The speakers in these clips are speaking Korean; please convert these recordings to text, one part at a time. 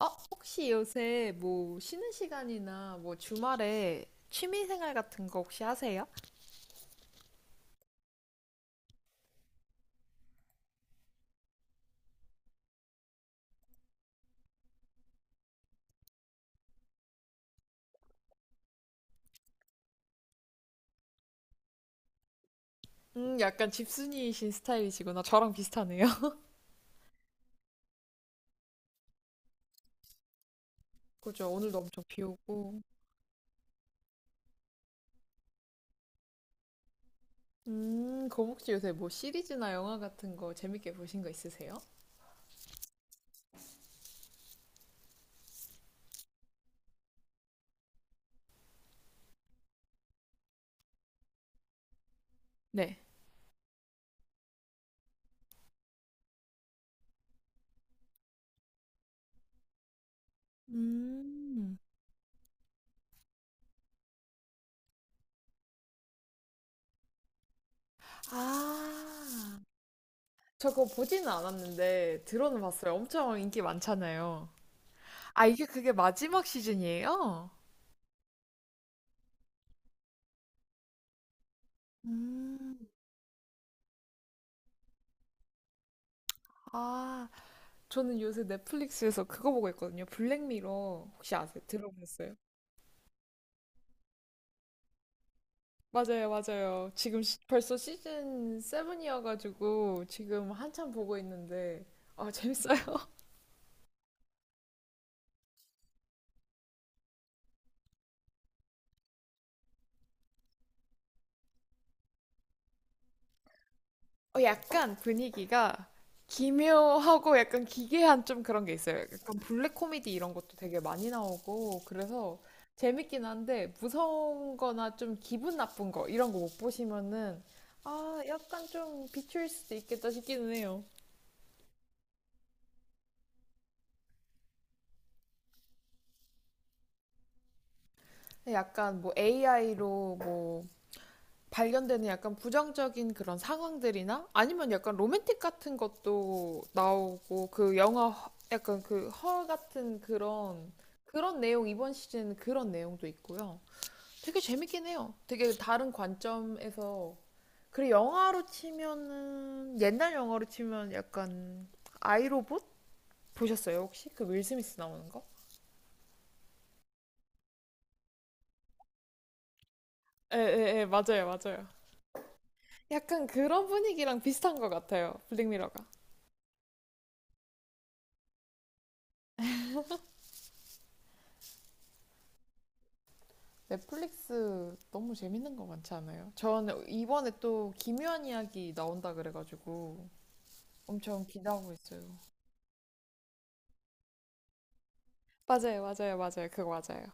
어, 혹시 요새 뭐 쉬는 시간이나 뭐 주말에 취미 생활 같은 거 혹시 하세요? 약간 집순이이신 스타일이시구나. 저랑 비슷하네요. 그죠? 오늘도 엄청 비 오고. 그럼 혹시 요새 뭐 시리즈나 영화 같은 거 재밌게 보신 거 있으세요? 네. 음. 아, 저 그거 보지는 않았는데 들어는 봤어요. 엄청 인기 많잖아요. 아, 이게 그게 마지막 시즌이에요? 음. 아, 저는 요새 넷플릭스에서 그거 보고 있거든요. 블랙미러 혹시 아세요? 들어보셨어요? 맞아요, 맞아요. 지금 벌써 시즌 7이어가지고 지금 한참 보고 있는데 아 재밌어요. 약간 분위기가 기묘하고 약간 기괴한 좀 그런 게 있어요. 약간 블랙 코미디 이런 것도 되게 많이 나오고 그래서 재밌긴 한데 무서운 거나 좀 기분 나쁜 거 이런 거 못 보시면은 아 약간 좀 비추일 수도 있겠다 싶기는 해요. 약간 뭐 AI로 뭐 발견되는 약간 부정적인 그런 상황들이나 아니면 약간 로맨틱 같은 것도 나오고 그 영화 약간 그 허 같은 그런 내용 이번 시즌 그런 내용도 있고요. 되게 재밌긴 해요. 되게 다른 관점에서 그리고 영화로 치면은 옛날 영화로 치면 약간 아이로봇 보셨어요 혹시? 그 윌 스미스 나오는 거? 예, 예, 예, 맞아요, 맞아요. 약간 그런 분위기랑 비슷한 것 같아요. 블랙미러가. 넷플릭스 너무 재밌는 거 많지 않아요? 저는 이번에 또 기묘한 이야기 나온다 그래가지고 엄청 기대하고 있어요. 맞아요, 맞아요, 맞아요. 그거 맞아요.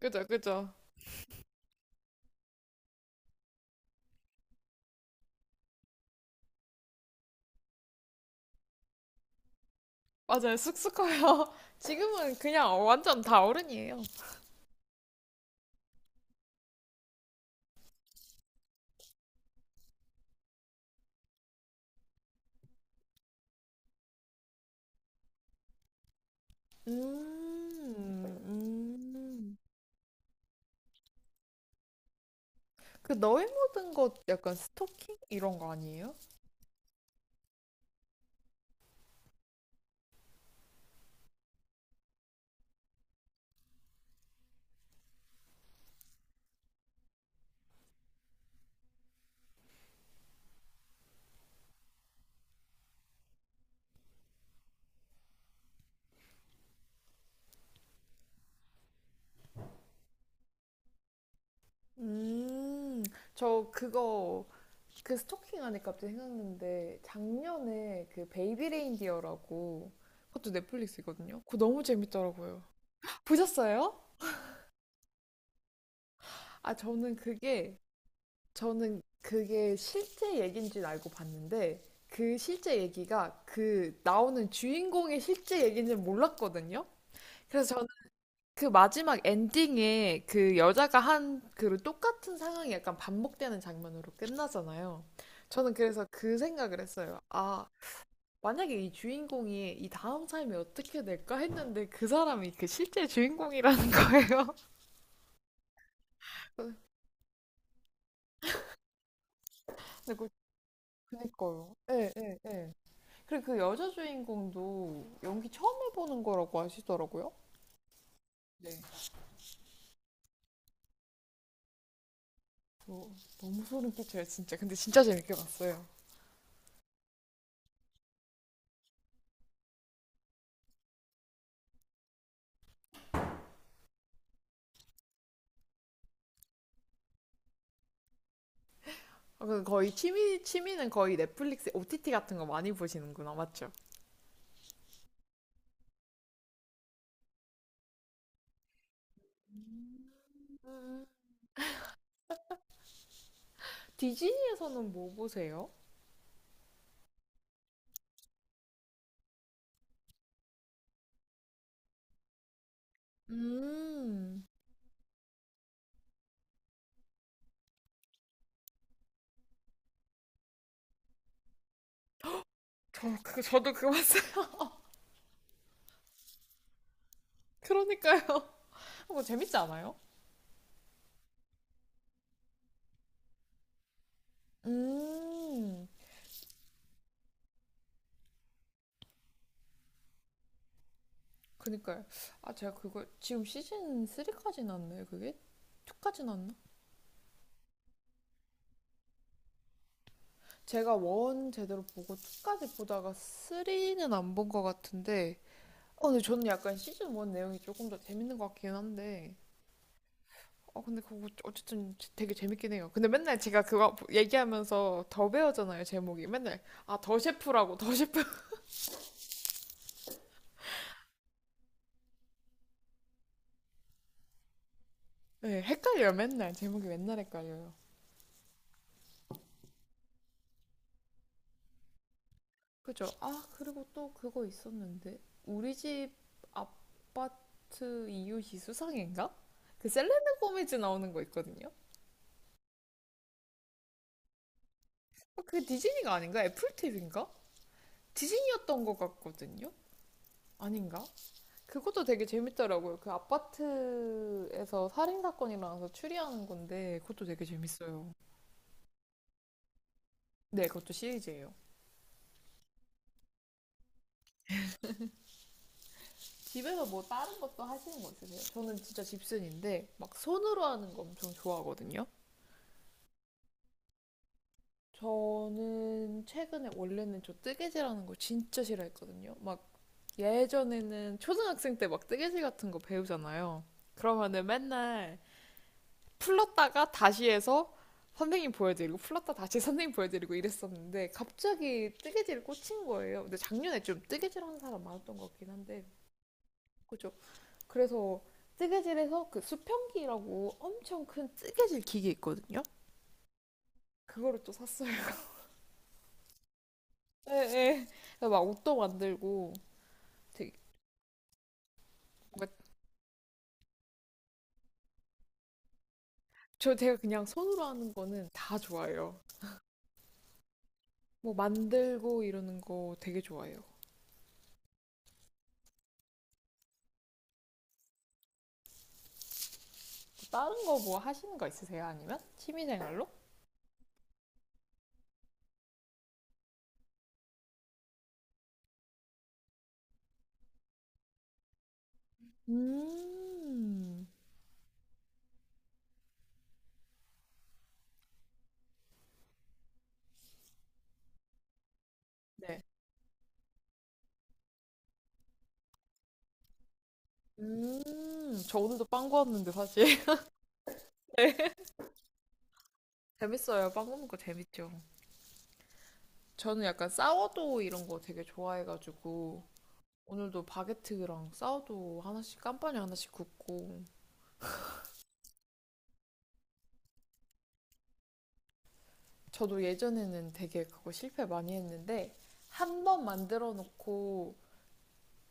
그죠, 그죠. 맞아요. 쑥쑥 커요. 지금은 그냥 완전 다 어른이에요. 음, 음. 그 너의 모든 것 약간 스토킹 이런 거 아니에요? 음, 저 그거 그 스토킹 하니까 갑자기 생각났는데 작년에 그 베이비 레인디어라고 그것도 넷플릭스거든요. 그거 너무 재밌더라고요. 보셨어요? 아 저는 그게 실제 얘기인 줄 알고 봤는데 그 실제 얘기가 그 나오는 주인공의 실제 얘기인지는 몰랐거든요. 그래서 저는 그 마지막 엔딩에 그 여자가 한 그 똑같은 상황이 약간 반복되는 장면으로 끝나잖아요. 저는 그래서 그 생각을 했어요. 아, 만약에 이 주인공이 이 다음 삶이 어떻게 될까 했는데 그 사람이 그 실제 주인공이라는 거예요. 근데 그 그니까요. 예, 예, 예. 그리고 그 여자 주인공도 연기 처음 해보는 거라고 하시더라고요. 네. 저 너무 소름 끼쳐요, 진짜. 근데 진짜 재밌게 봤어요. 아, 그 거의 취미, 취미는 거의 넷플릭스 OTT 같은 거 많이 보시는구나, 맞죠? 음. 디즈니에서는 뭐 보세요? 음, 저도 그거 봤어요. 그러니까요. 뭐 재밌지 않아요? 음, 그니까요. 아, 제가 그걸 지금 시즌 3까지 났나요, 그게? 2까지 났나? 제가 원 제대로 보고 2까지 보다가 3는 안 본 것 같은데, 어, 근데 저는 약간 시즌 1 내용이 조금 더 재밌는 것 같긴 한데, 어, 근데 그거 어쨌든 되게 재밌긴 해요. 근데 맨날 제가 그거 얘기하면서 더 배우잖아요, 제목이. 맨날, 아, 더 셰프라고, 더 셰프. 네, 헷갈려요, 맨날. 제목이 맨날 헷갈려요. 그죠? 아, 그리고 또 그거 있었는데. 우리 집 아파트 이웃이 수상인가? 그 셀레나 고메즈 나오는 거 있거든요. 어, 그게 디즈니가 아닌가? 애플 티비인가 디즈니였던 것 같거든요. 아닌가? 그것도 되게 재밌더라고요. 그 아파트에서 살인 사건이 일어나서 추리하는 건데 그것도 되게 재밌어요. 네, 그것도 시리즈예요. 집에서 뭐 다른 것도 하시는 거 있으세요? 저는 진짜 집순인데 막 손으로 하는 거 엄청 좋아하거든요. 저는 최근에 원래는 저 뜨개질하는 걸 진짜 싫어했거든요. 막 예전에는 초등학생 때 막 뜨개질 같은 거 배우잖아요. 그러면은 맨날 풀렀다가 다시 해서 선생님 보여드리고 풀렀다 다시 선생님 보여드리고 이랬었는데 갑자기 뜨개질 을 꽂힌 거예요. 근데 작년에 좀 뜨개질 하는 사람 많았던 것 같긴 한데 그죠? 그래서 뜨개질에서 그 수평기라고 엄청 큰 뜨개질 기계 있거든요. 그거를 또 샀어요. 네네 막 옷도 만들고 되게 뭔가 저 제가 그냥 손으로 하는 거는 다 좋아해요. 뭐 만들고 이러는 거 되게 좋아해요. 다른 거 뭐 하시는 거 있으세요? 아니면 취미생활로? 음, 네. 음, 저 오늘도 빵 구웠는데 사실. 재밌어요. 빵 구우는 거 재밌죠. 저는 약간 사워도우 이런 거 되게 좋아해가지고 오늘도 바게트랑 사워도우 하나씩 깜빠니 하나씩 굽고 저도 예전에는 되게 그거 실패 많이 했는데 한 번 만들어 놓고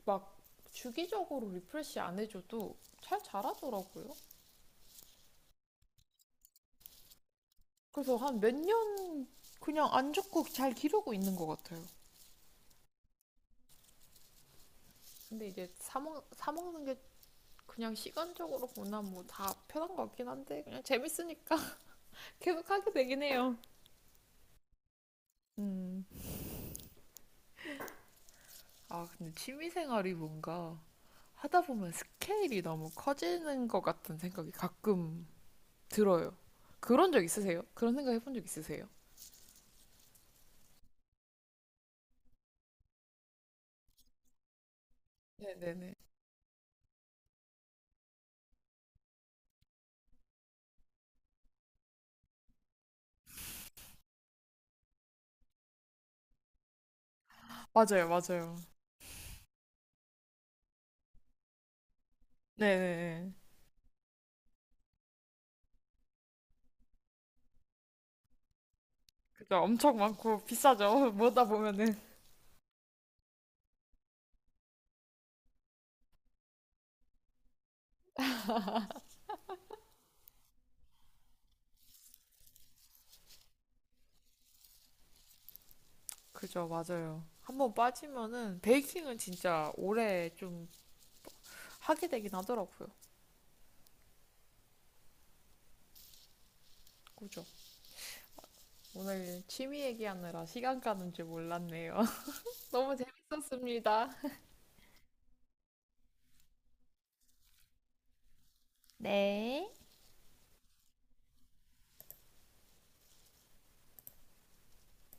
막 주기적으로 리프레시 안 해줘도 잘 자라더라고요. 그래서 한 몇 년 그냥 안 죽고 잘 기르고 있는 것 같아요. 근데 이제 사먹, 사먹는 게 그냥 시간적으로 보나 뭐 다 편한 것 같긴 한데 그냥 재밌으니까 계속 하게 되긴 해요. 음. 아, 근데 취미생활이 뭔가 하다 보면 스케일이 너무 커지는 것 같은 생각이 가끔 들어요. 그런 적 있으세요? 그런 생각 해본 적 있으세요? 네네네. 맞아요, 맞아요. 네네. 그죠. 엄청 많고 비싸죠. 뭐다 보면은. 그죠. 맞아요. 한번 빠지면은 베이킹은 진짜 오래 좀 하게 되긴 하더라고요. 그죠. 오늘 취미 얘기하느라 시간 가는 줄 몰랐네요. 너무 재밌었습니다. 네.